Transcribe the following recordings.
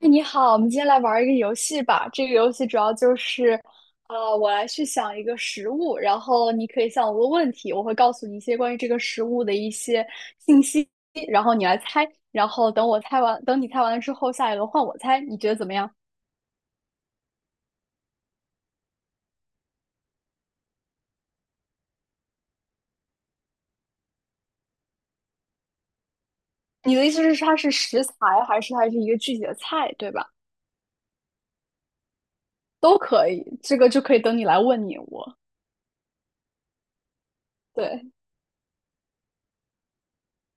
哎，你好，我们今天来玩儿一个游戏吧。这个游戏主要就是，我来去想一个食物，然后你可以向我问问题，我会告诉你一些关于这个食物的一些信息，然后你来猜。然后等我猜完，等你猜完了之后，下一轮换我猜，你觉得怎么样？你的意思是它是食材，还是它是一个具体的菜，对吧？都可以，这个就可以等你来问你我。对，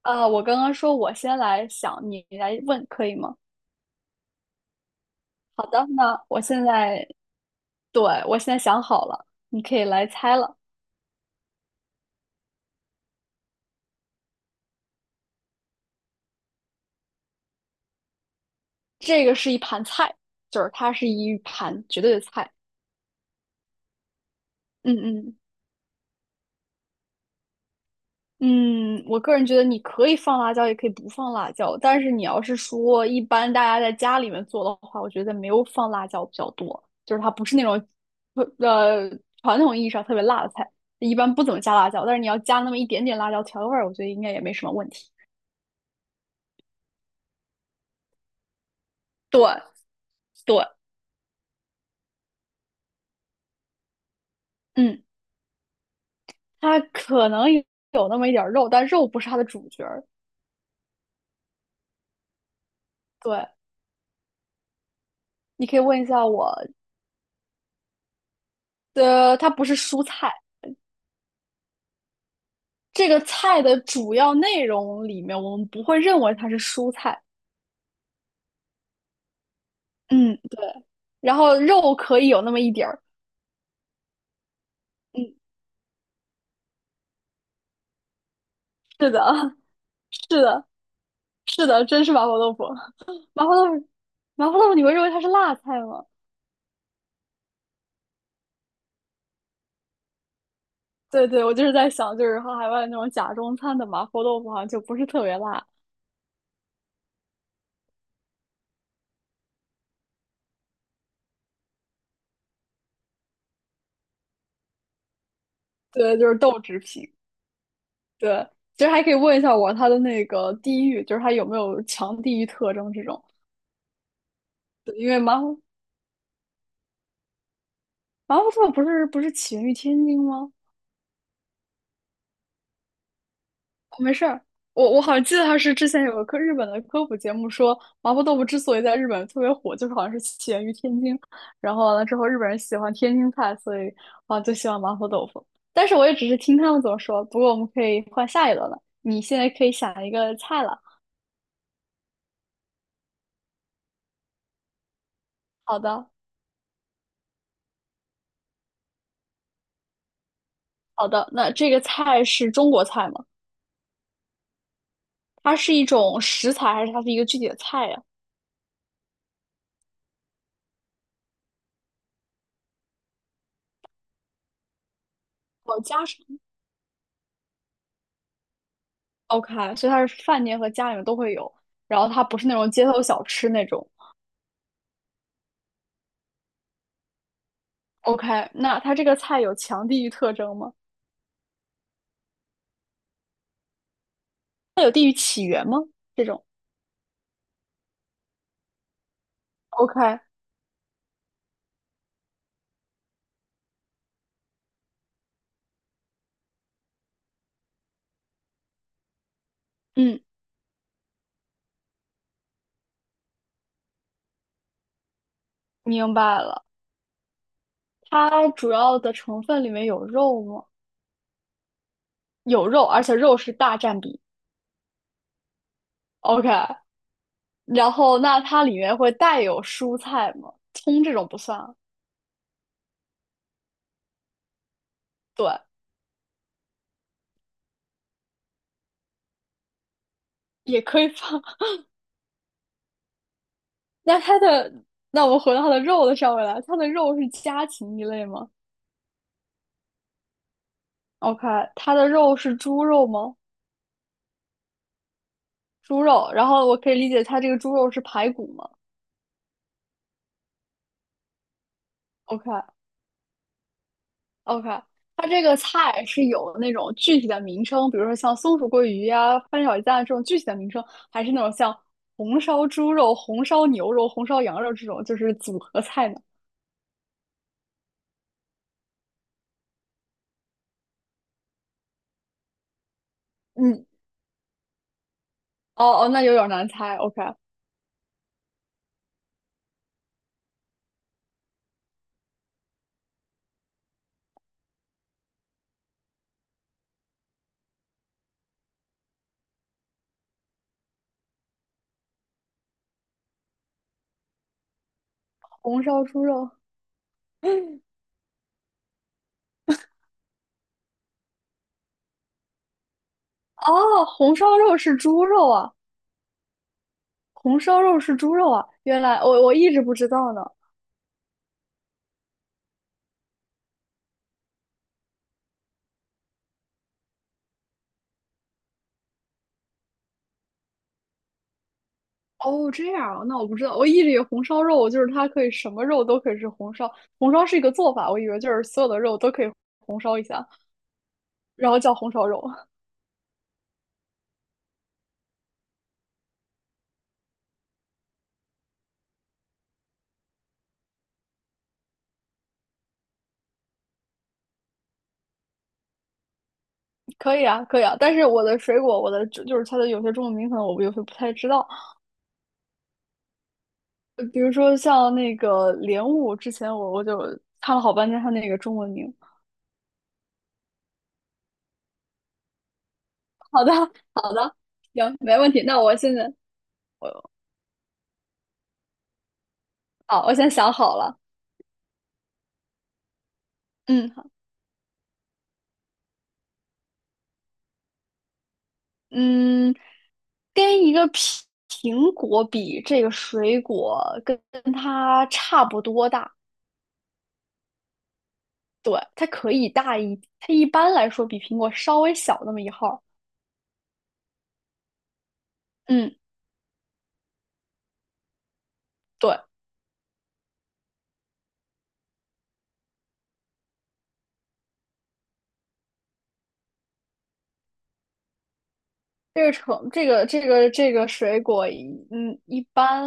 我刚刚说我先来想，你来问可以吗？好的，那我现在对，我现在想好了，你可以来猜了。这个是一盘菜，就是它是一盘绝对的菜。嗯嗯嗯，我个人觉得你可以放辣椒，也可以不放辣椒。但是你要是说一般大家在家里面做的话，我觉得没有放辣椒比较多，就是它不是那种呃传统意义上特别辣的菜，一般不怎么加辣椒。但是你要加那么一点点辣椒调个味儿，我觉得应该也没什么问题。对对，嗯，它可能有那么一点儿肉，但肉不是它的主角儿。对。你可以问一下我的，它不是蔬菜。这个菜的主要内容里面，我们不会认为它是蔬菜。嗯，对，然后肉可以有那么一点儿。嗯，是的，是的，是的，真是麻婆豆腐。麻婆豆腐，你会认为它是辣菜吗？对对，我就是在想，就是和海外那种假中餐的麻婆豆腐好像就不是特别辣。对，就是豆制品。对，其实还可以问一下我它的那个地域，就是它有没有强地域特征这种。对，因为麻婆豆腐不是起源于天津吗？哦没事儿，我好像记得它是之前有个科日本的科普节目说，麻婆豆腐之所以在日本特别火，就是好像是起源于天津，然后完了之后日本人喜欢天津菜，所以啊就喜欢麻婆豆腐。但是我也只是听他们怎么说，不过我们可以换下一轮了。你现在可以想一个菜了。好的，好的，那这个菜是中国菜吗？它是一种食材还是它是一个具体的菜呀？哦，家常，OK，所以它是饭店和家里面都会有，然后它不是那种街头小吃那种。OK，那它这个菜有强地域特征吗？这种 OK，嗯，明白了。它主要的成分里面有肉吗？有肉，而且肉是大占比。OK，然后那它里面会带有蔬菜吗？葱这种不算啊对，也可以放。那它的，那我们回到它的肉的上面来，它的肉是家禽一类吗？OK，它的肉是猪肉吗？猪肉，然后我可以理解它这个猪肉是排骨吗？OK OK，它这个菜是有那种具体的名称，比如说像松鼠桂鱼呀、翻炒鸡蛋这种具体的名称，还是那种像红烧猪肉、红烧牛肉、红烧羊肉这种就是组合菜呢？嗯，哦哦，那有点难猜。OK，红烧猪肉，哦，红烧肉是猪肉啊，红烧肉是猪肉啊，原来我一直不知道呢。哦，这样啊，那我不知道，我一直以为红烧肉就是它可以什么肉都可以是红烧，红烧是一个做法，我以为就是所有的肉都可以红烧一下，然后叫红烧肉，可以啊，可以啊。但是我的水果，我的就是它的有些中文名可能我有些不太知道，比如说像那个莲雾，之前我就看了好半天它那个中文名。好的，好的，行，没问题。那我现在，好，我先想好了，嗯。嗯，跟一个苹果比，这个水果跟它差不多大，对，它可以大一，它一般来说比苹果稍微小那么一号儿嗯，对，这个橙，这个水果一嗯，一般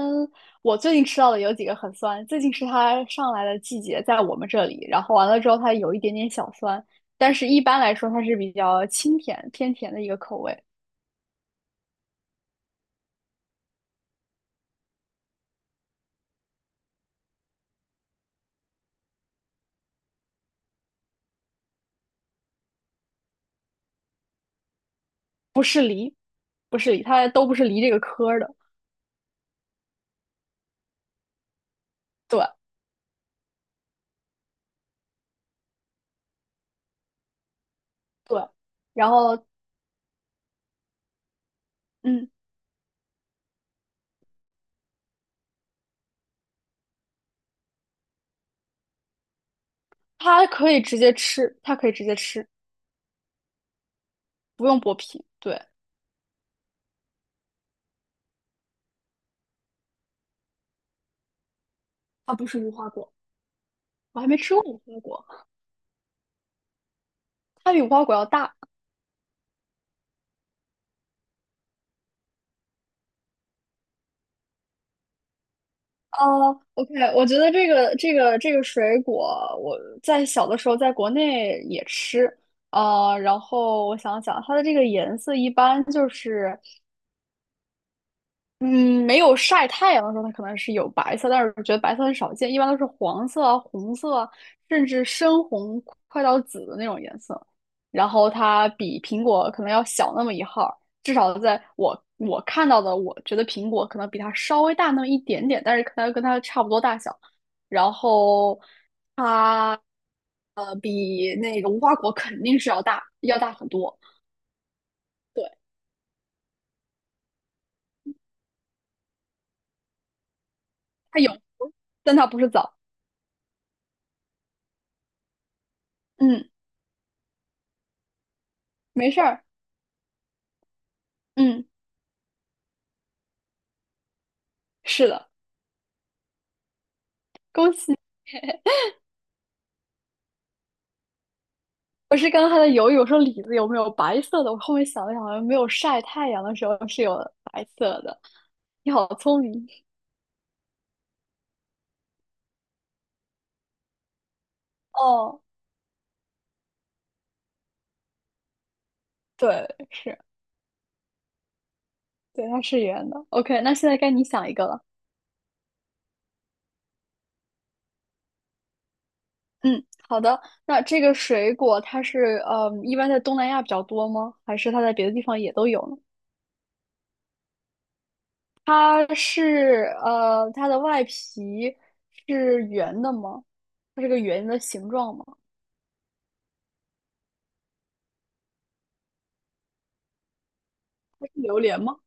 我最近吃到的有几个很酸，最近是它上来的季节，在我们这里，然后完了之后它有一点点小酸，但是一般来说它是比较清甜偏甜的一个口味，不是梨，它都不是梨这个科儿的。对，对，然后嗯，它可以直接吃，它可以直接吃，不用剥皮。对，它不是无花果，我还没吃过无花果，它比无花果要大。哦，OK，我觉得这个水果，我在小的时候在国内也吃，呃，然后我想想，它的这个颜色一般就是嗯，没有晒太阳的时候，它可能是有白色，但是我觉得白色很少见，一般都是黄色啊、红色啊，甚至深红快到紫的那种颜色。然后它比苹果可能要小那么一号儿至少在我看到的，我觉得苹果可能比它稍微大那么一点点，但是可能跟它差不多大小。然后它比那个无花果肯定是要大，要大很多。对，它有，但它不是枣。嗯，没事儿。嗯，是的。恭喜！我是刚才在犹豫，我说李子有没有白色的？我后面想了想，好像没有晒太阳的时候是有白色的。你好聪明哦，对，是，对，它是圆的。OK，那现在该你想一个了。嗯，好的。那这个水果它是一般在东南亚比较多吗？还是它在别的地方也都有呢？它是呃，它的外皮是圆的吗？它是个圆的形状吗？它是榴莲吗？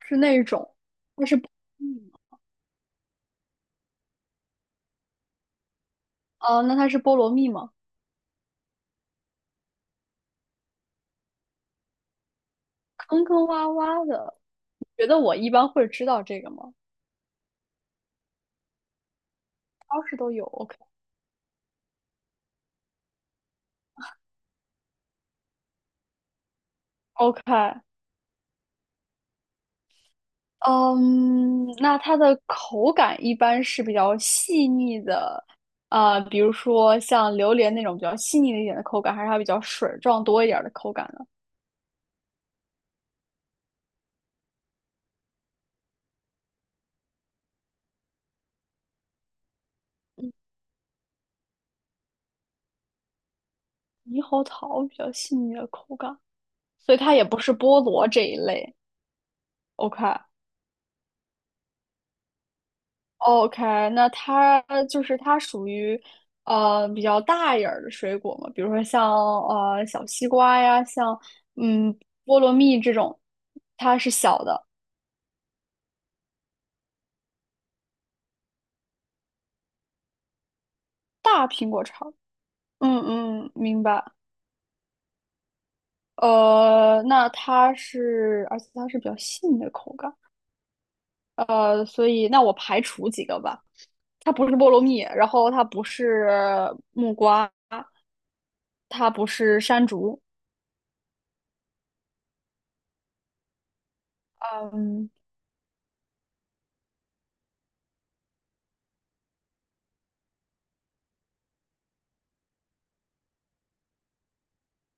是那种。嗯。哦，那它是菠萝蜜吗？坑坑洼洼的，你觉得我一般会知道这个吗？超市都有，OK OK，嗯，那它的口感一般是比较细腻的，啊、比如说像榴莲那种比较细腻一点的口感，还是它比较水状多一点的口感呢？猕猴桃比较细腻的口感，所以它也不是菠萝这一类，OK。OK，那它就是它属于比较大一点儿的水果嘛，比如说像小西瓜呀，像嗯菠萝蜜这种，它是小的，大苹果超。嗯嗯，明白。那它是，而且它是比较细腻的口感。所以那我排除几个吧，它不是菠萝蜜，然后它不是木瓜，它不是山竹。嗯，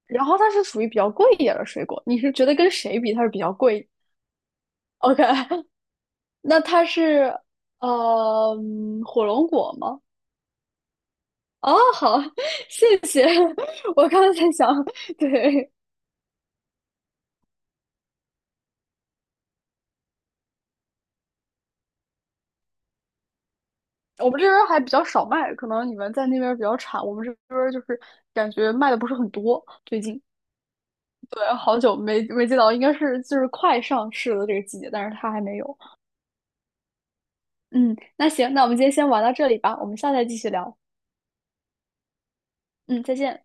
然后它是属于比较贵一点的水果。你是觉得跟谁比它是比较贵？OK，那它是呃火龙果吗？哦，好，谢谢。我刚才想，对，我们这边儿还比较少卖，可能你们在那边儿比较产，我们这边儿就是感觉卖的不是很多。最近，对，好久没见到，应该是就是快上市的这个季节，但是它还没有。嗯，那行，那我们今天先玩到这里吧，我们下次再继续聊。嗯，再见。